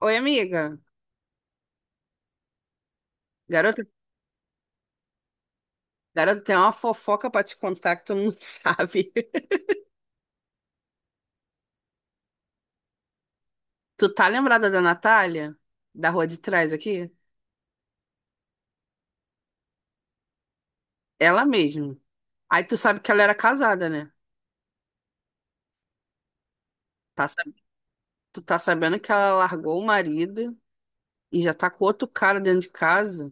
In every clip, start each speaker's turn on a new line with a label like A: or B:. A: Oi, amiga. Garota, garota, tem uma fofoca pra te contar que tu não sabe. Tu tá lembrada da Natália? Da rua de trás aqui? Ela mesmo. Aí tu sabe que ela era casada, né? Tá sab- Tu tá sabendo que ela largou o marido e já tá com outro cara dentro de casa.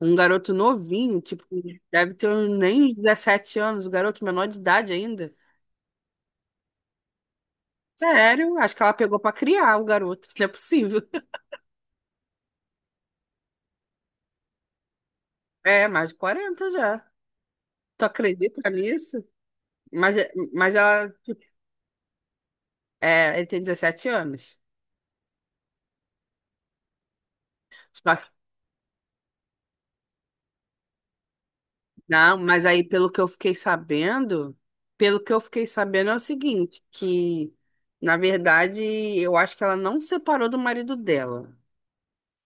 A: Um garoto novinho, tipo, deve ter nem 17 anos, o garoto menor de idade ainda. Sério, acho que ela pegou pra criar o garoto, não é possível. É, mais de 40 já. Tu acredita nisso? Mas, mas ela, é, ele tem 17 anos. Só que- não, mas aí pelo que eu fiquei sabendo, pelo que eu fiquei sabendo é o seguinte, que na verdade eu acho que ela não separou do marido dela.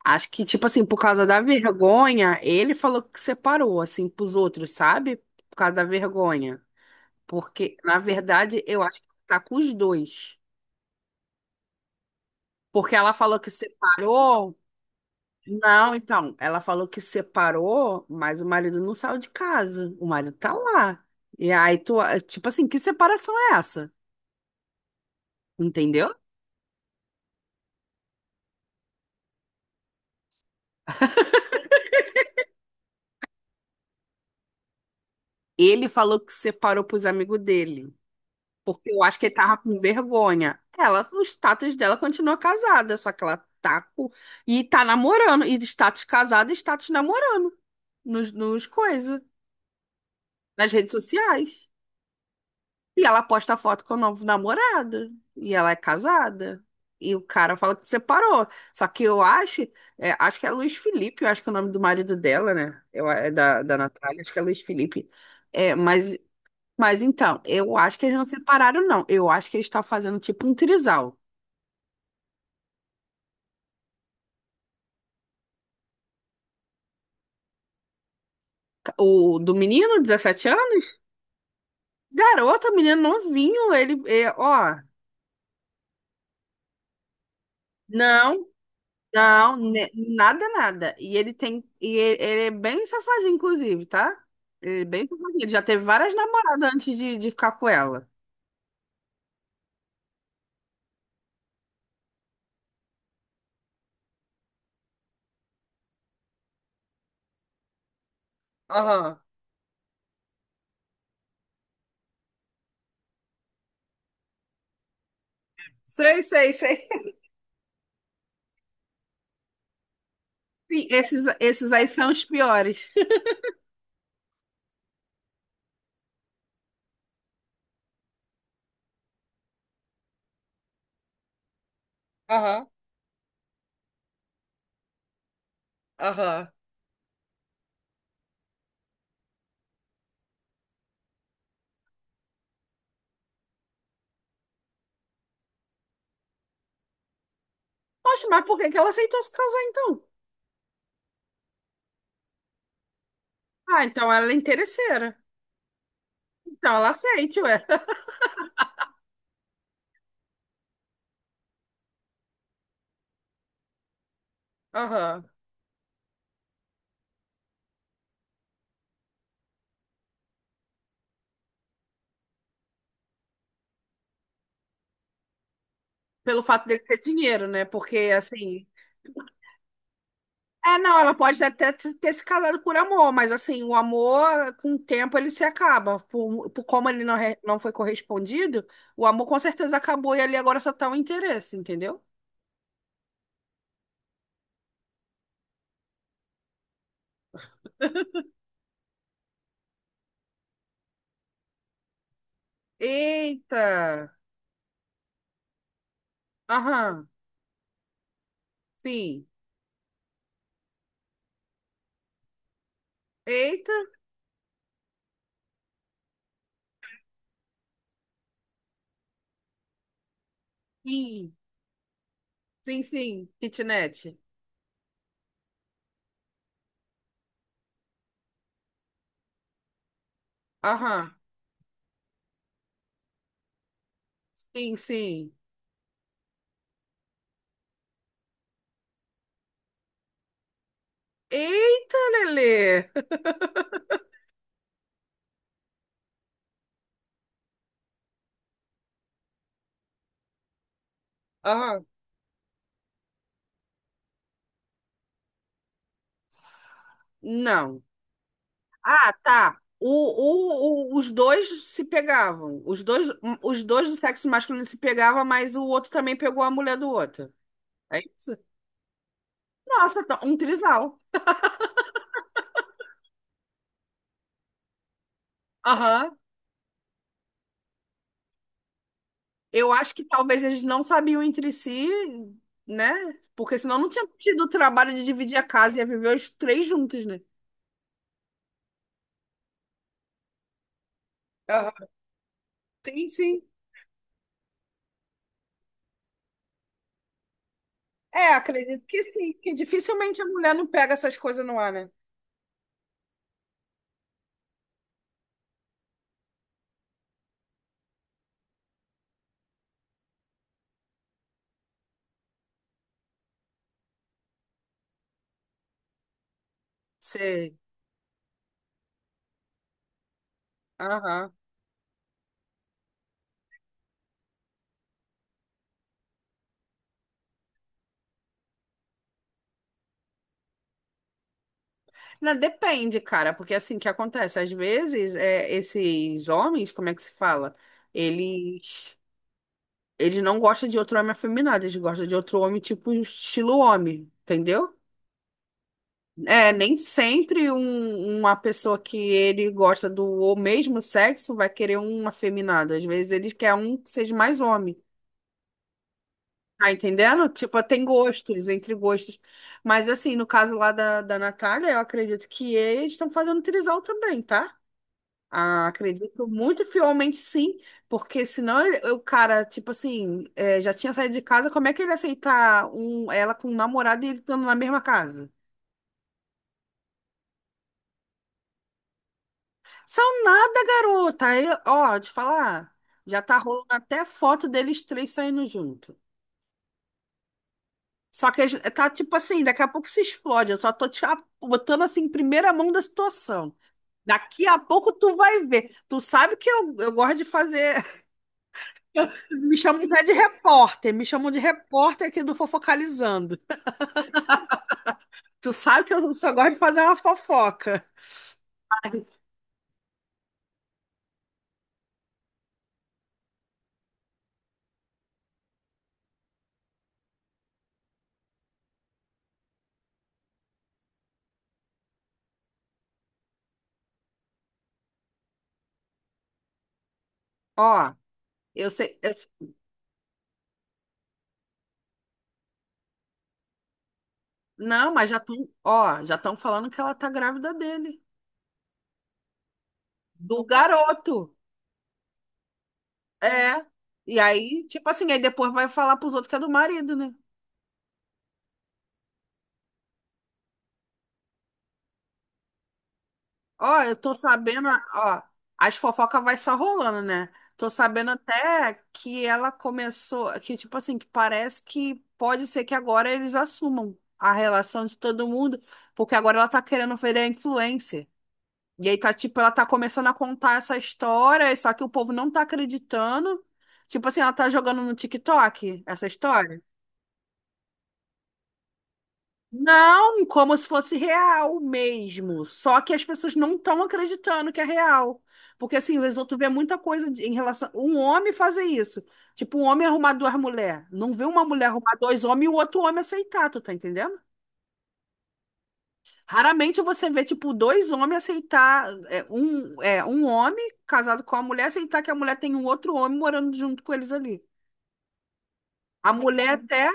A: Acho que, tipo assim, por causa da vergonha, ele falou que separou, assim, pros outros, sabe? Por causa da vergonha. Porque, na verdade, eu acho que tá com os dois. Porque ela falou que separou. Não, então, ela falou que separou, mas o marido não saiu de casa. O marido tá lá. E aí tu, tipo assim, que separação é essa? Entendeu? Ele falou que separou pros amigos dele, porque eu acho que ele tava com vergonha. Ela, o status dela continua casada, só que ela tá e tá namorando, e de status casada, e status namorando nos coisas, nas redes sociais. E ela posta foto com o novo namorado. E ela é casada. E o cara fala que separou. Só que eu acho, é, acho que é Luiz Felipe, eu acho que é o nome do marido dela, né? Eu, é da Natália, acho que é Luiz Felipe. É, mas então, eu acho que eles não separaram, não. Eu acho que eles estão fazendo tipo um trisal. O do menino, 17 anos? Garota, menino novinho, ele, é, ó. Não, nada, nada. E ele tem. E ele é bem safadinho, inclusive, tá? Ele é bem safadinho. Ele já teve várias namoradas antes de ficar com ela. Aham. Sei, sei, sei. Sim, esses aí são os piores. Aham, aham. Poxa, mas por que que ela aceitou se casar então? Ah, então ela é interesseira. Então ela aceite, ué. Aham. Pelo fato dele ter dinheiro, né? Porque assim. É, não, ela pode até ter se casado por amor, mas assim, o amor, com o tempo, ele se acaba. Por como ele não, não foi correspondido, o amor com certeza acabou e ali agora só tá o interesse, entendeu? Eita! Aham, sim. Eita! Sim, sim, sim. Kitnet. Aham, sim, sim. Eita, Lelê! Aham, não. Ah, tá. Os dois se pegavam. Os dois do sexo masculino se pegavam, mas o outro também pegou a mulher do outro. É isso? Nossa, um trisal. Aham. Eu acho que talvez eles não sabiam entre si, né? Porque senão não tinha tido o trabalho de dividir a casa e ia viver os três juntos, né? Aham. Sim, sim. É, acredito que sim, que dificilmente a mulher não pega essas coisas no ar, né? Sei. Aham. Não, depende, cara, porque assim, que acontece? Às vezes, é, esses homens, como é que se fala? Eles, eles não gostam de outro homem afeminado, eles gostam de outro homem tipo estilo homem, entendeu? É, nem sempre uma pessoa que ele gosta do o mesmo sexo vai querer um afeminado. Às vezes ele quer um que seja mais homem. Tá entendendo? Tipo, tem gostos, entre gostos. Mas assim, no caso lá da Natália, eu acredito que eles estão fazendo trisal também, tá? Ah, acredito muito fielmente sim, porque senão o cara, tipo assim, é, já tinha saído de casa, como é que ele ia aceitar um, ela com um namorado e ele estando na mesma casa? São nada, garota. Aí, ó, te falar, já tá rolando até foto deles três saindo junto. Só que tá tipo assim, daqui a pouco se explode. Eu só tô te botando assim em primeira mão da situação. Daqui a pouco tu vai ver. Tu sabe que eu gosto de fazer. Me chamam até de repórter, me chamam de repórter aqui do Fofocalizando. Tu sabe que eu só gosto de fazer uma fofoca. Ai, Ó, eu sei- não, mas já estão, ó, já estão falando que ela tá grávida dele, do garoto. É. E aí, tipo assim, aí depois vai falar pros outros que é do marido, né? Ó, eu tô sabendo, ó, as fofocas vai só rolando, né? Tô sabendo até que ela começou, que tipo assim, que parece que pode ser que agora eles assumam a relação de todo mundo, porque agora ela tá querendo virar influencer. E aí tá tipo, ela tá começando a contar essa história, só que o povo não tá acreditando. Tipo assim, ela tá jogando no TikTok essa história. Não, como se fosse real mesmo. Só que as pessoas não estão acreditando que é real. Porque assim, o vezes vê muita coisa em relação. Um homem fazer isso. Tipo, um homem arrumar duas mulheres. Não vê uma mulher arrumar dois homens e o outro homem aceitar, tu tá entendendo? Raramente você vê, tipo, dois homens aceitar. É, um, é, um homem casado com a mulher aceitar que a mulher tem um outro homem morando junto com eles ali. A mulher até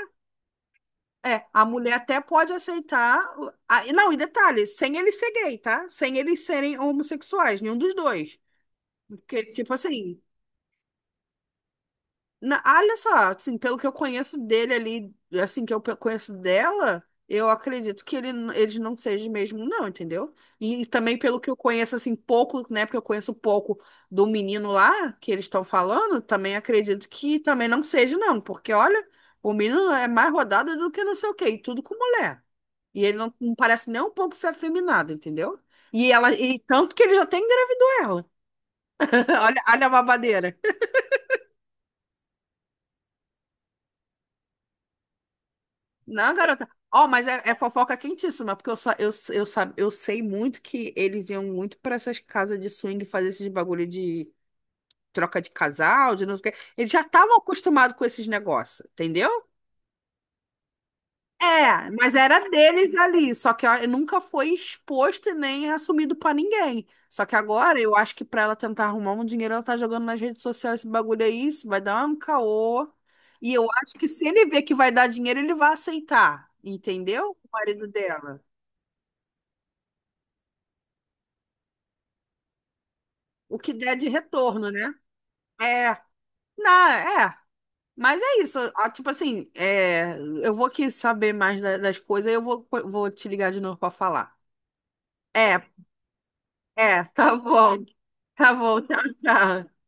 A: É, a mulher até pode aceitar. Ah, e não, e detalhe, sem eles ser gay, tá? Sem eles serem homossexuais, nenhum dos dois. Porque, tipo assim, ah, olha só, assim, pelo que eu conheço dele ali, assim, que eu conheço dela, eu acredito que ele, eles não sejam mesmo, não, entendeu? E também pelo que eu conheço, assim, pouco, né, porque eu conheço pouco do menino lá, que eles estão falando, também acredito que também não seja, não, porque olha, o menino é mais rodado do que não sei o quê, e tudo com mulher. E ele não, não parece nem um pouco ser afeminado, entendeu? E tanto que ele já até engravidou ela. Olha, olha a babadeira. Não, garota. Ó, mas é, é fofoca quentíssima, porque sa- eu sei muito que eles iam muito pra essas casas de swing fazer esses bagulho de troca de casal, de não sei o quê. Eles já estavam acostumados com esses negócios, entendeu? É, mas era deles ali, só que ó, nunca foi exposto e nem assumido pra ninguém. Só que agora eu acho que pra ela tentar arrumar um dinheiro, ela tá jogando nas redes sociais esse bagulho aí, isso vai dar um caô. E eu acho que se ele ver que vai dar dinheiro, ele vai aceitar, entendeu? O marido dela. O que der de retorno, né? É, não, é. Mas é isso, ah, tipo assim, é, eu vou aqui saber mais das coisas e eu vou, vou te ligar de novo pra falar. É. É, tá bom. Tá bom, tchau, tchau.